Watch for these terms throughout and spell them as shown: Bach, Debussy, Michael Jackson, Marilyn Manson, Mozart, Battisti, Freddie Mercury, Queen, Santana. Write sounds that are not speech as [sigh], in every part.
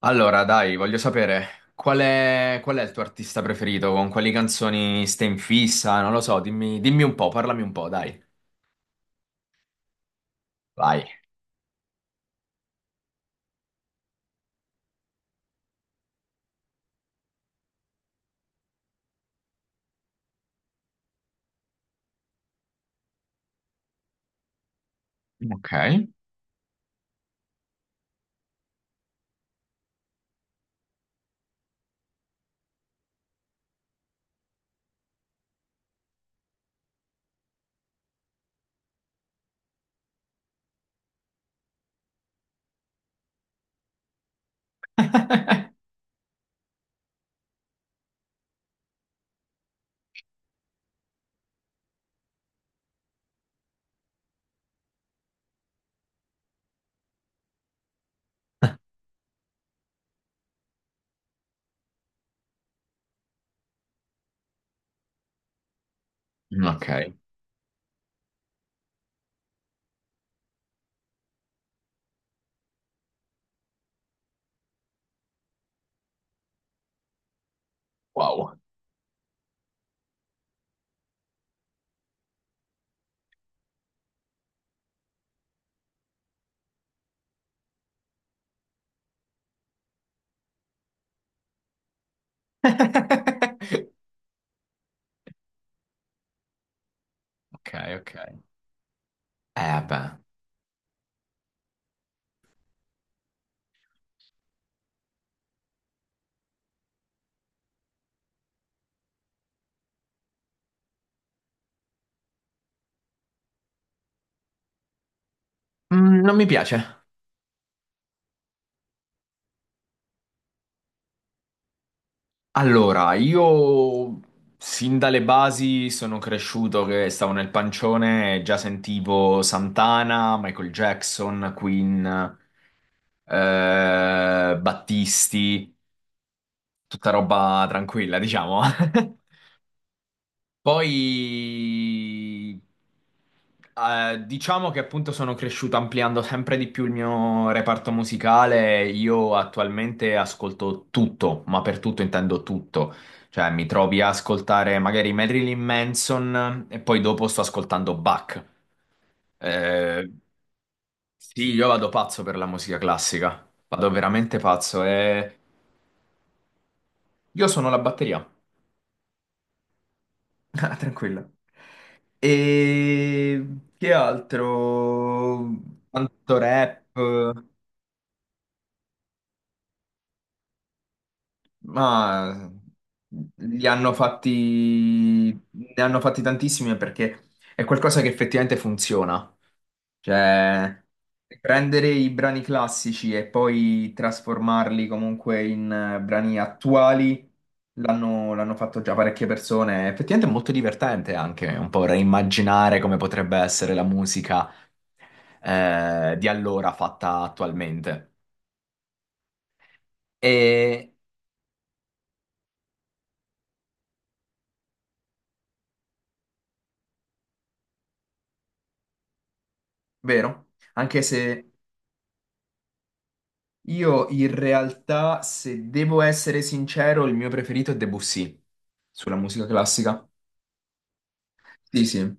Allora, dai, voglio sapere qual è il tuo artista preferito, con quali canzoni stai in fissa, non lo so, dimmi, dimmi un po', parlami un po', dai. Vai. Ok, ok, wow. [laughs] Ok, ok. Beh. Non mi piace. Allora, io sin dalle basi sono cresciuto che stavo nel pancione e già sentivo Santana, Michael Jackson, Queen, Battisti. Tutta roba tranquilla, diciamo. [laughs] Poi, diciamo che appunto sono cresciuto ampliando sempre di più il mio reparto musicale. Io attualmente ascolto tutto, ma per tutto intendo tutto. Cioè, mi trovi a ascoltare magari Marilyn Manson e poi dopo sto ascoltando Bach. Eh, sì, io vado pazzo per la musica classica. Vado veramente pazzo e io sono la batteria. Ah, tranquilla. E che altro? Tanto rap, ma li hanno fatti, ne hanno fatti tantissimi perché è qualcosa che effettivamente funziona. Cioè, prendere i brani classici e poi trasformarli comunque in brani attuali l'hanno fatto già parecchie persone. Effettivamente è molto divertente anche un po' reimmaginare come potrebbe essere la musica di allora fatta attualmente. E vero? Anche se io in realtà, se devo essere sincero, il mio preferito è Debussy sulla musica classica. Sì, sì,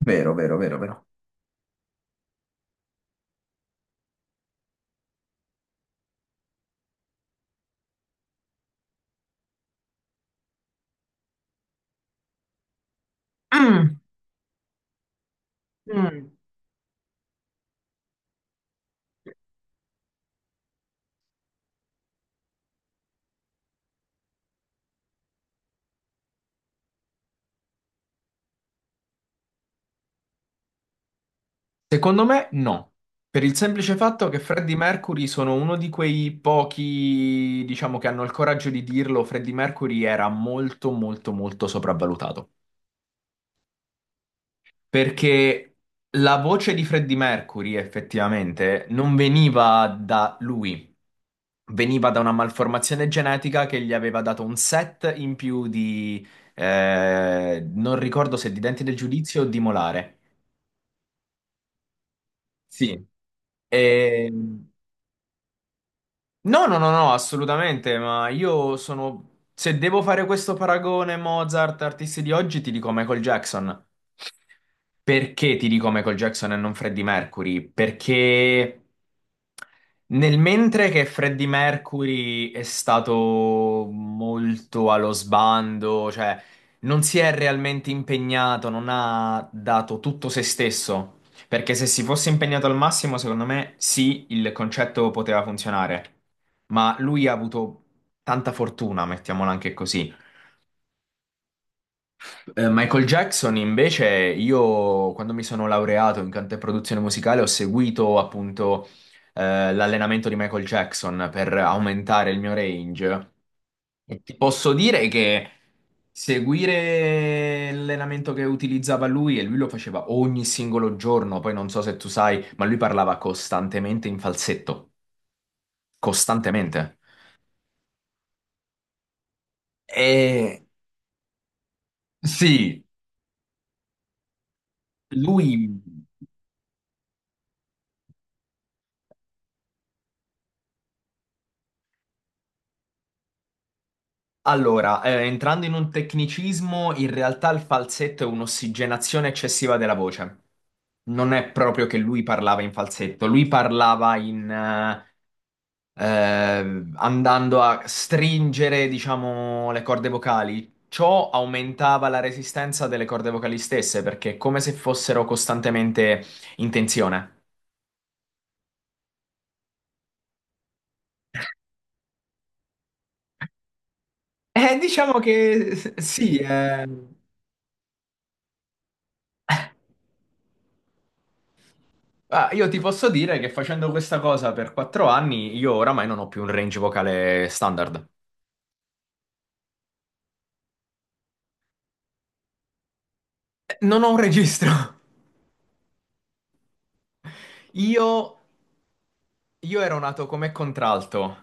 vero, vero, vero, vero. mm, Secondo me no. Per il semplice fatto che Freddie Mercury sono uno di quei pochi, diciamo, che hanno il coraggio di dirlo, Freddie Mercury era molto, molto, molto sopravvalutato. Perché la voce di Freddie Mercury effettivamente non veniva da lui, veniva da una malformazione genetica che gli aveva dato un set in più di, non ricordo se di denti del giudizio o di molare. Sì. E, no, no, no, no, assolutamente, ma io sono... Se devo fare questo paragone Mozart, artisti di oggi, ti dico Michael Jackson. Perché ti dico Michael Jackson e non Freddie Mercury? Perché nel mentre che Freddie Mercury è stato molto allo sbando, cioè non si è realmente impegnato, non ha dato tutto se stesso. Perché se si fosse impegnato al massimo, secondo me sì, il concetto poteva funzionare, ma lui ha avuto tanta fortuna, mettiamola anche così. Michael Jackson, invece, io quando mi sono laureato in canto e produzione musicale ho seguito appunto l'allenamento di Michael Jackson per aumentare il mio range. Ti posso dire che seguire l'allenamento che utilizzava lui, e lui lo faceva ogni singolo giorno, poi non so se tu sai, ma lui parlava costantemente in falsetto, costantemente. E sì, lui. Allora, entrando in un tecnicismo, in realtà il falsetto è un'ossigenazione eccessiva della voce. Non è proprio che lui parlava in falsetto, lui parlava in, andando a stringere, diciamo, le corde vocali. Ciò aumentava la resistenza delle corde vocali stesse, perché è come se fossero costantemente in tensione. Diciamo che sì. Ah, io ti posso dire che facendo questa cosa per 4 anni, io oramai non ho più un range vocale standard. Non ho un registro. [laughs] Io, io ero nato come contralto.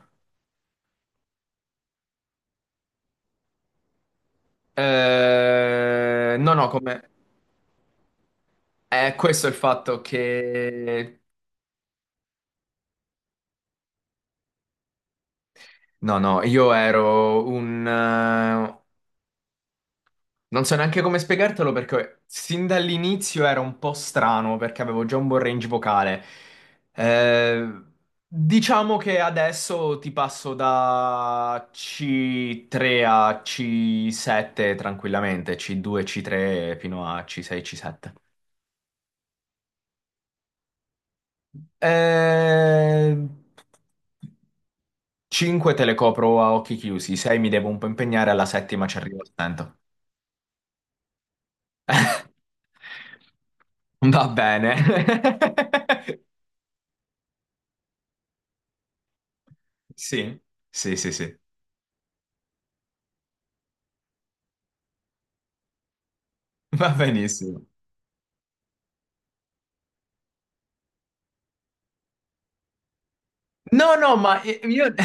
No, no, come... Questo è il fatto che... No, no, io ero un... Non so neanche come spiegartelo perché sin dall'inizio era un po' strano perché avevo già un buon range vocale. Eh, diciamo che adesso ti passo da C3 a C7 tranquillamente, C2, C3 fino a C6, C7. Eh, 5 te le copro a occhi chiusi, 6 mi devo un po' impegnare, alla settima ci arrivo al 100. [laughs] Va bene. [laughs] Sì, sì, sì, sì, [laughs] va benissimo. No, no, ma io, [laughs]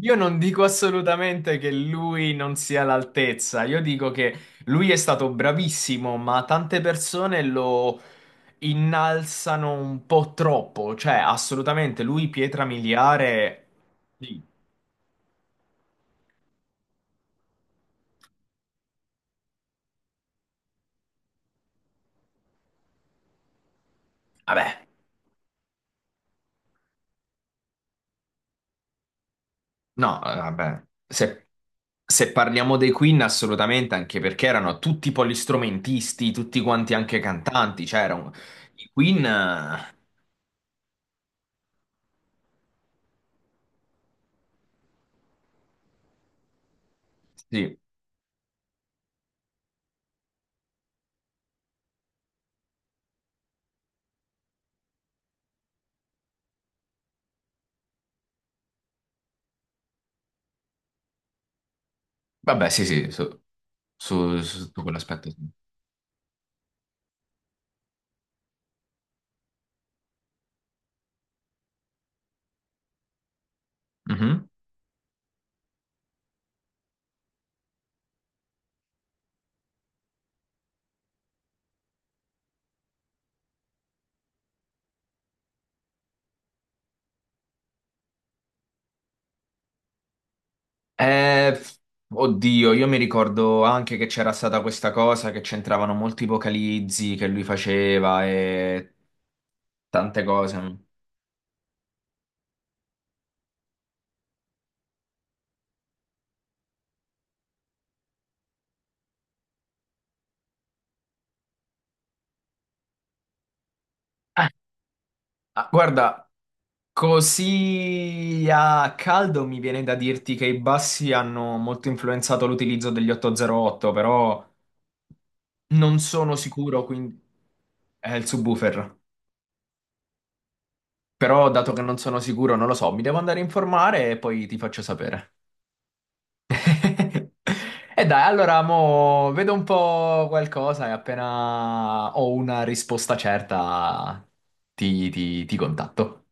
io non dico assolutamente che lui non sia all'altezza, io dico che lui è stato bravissimo, ma tante persone lo innalzano un po' troppo, cioè assolutamente lui pietra miliare... Sì. Vabbè, no, vabbè, se parliamo dei Queen assolutamente, anche perché erano tutti polistrumentisti, tutti quanti anche cantanti, cioè era un- i Queen... Sì, vabbè, sì, sì, su tutto quell'aspetto. Sì. Mhm. Eh, f- oddio, io mi ricordo anche che c'era stata questa cosa che c'entravano molti vocalizzi che lui faceva e tante cose. Ah, ah, guarda, così a caldo mi viene da dirti che i bassi hanno molto influenzato l'utilizzo degli 808, però non sono sicuro, quindi è il subwoofer. Però, dato che non sono sicuro, non lo so, mi devo andare a informare e poi ti faccio sapere. [laughs] E dai, allora, mo vedo un po' qualcosa e appena ho una risposta certa ti contatto.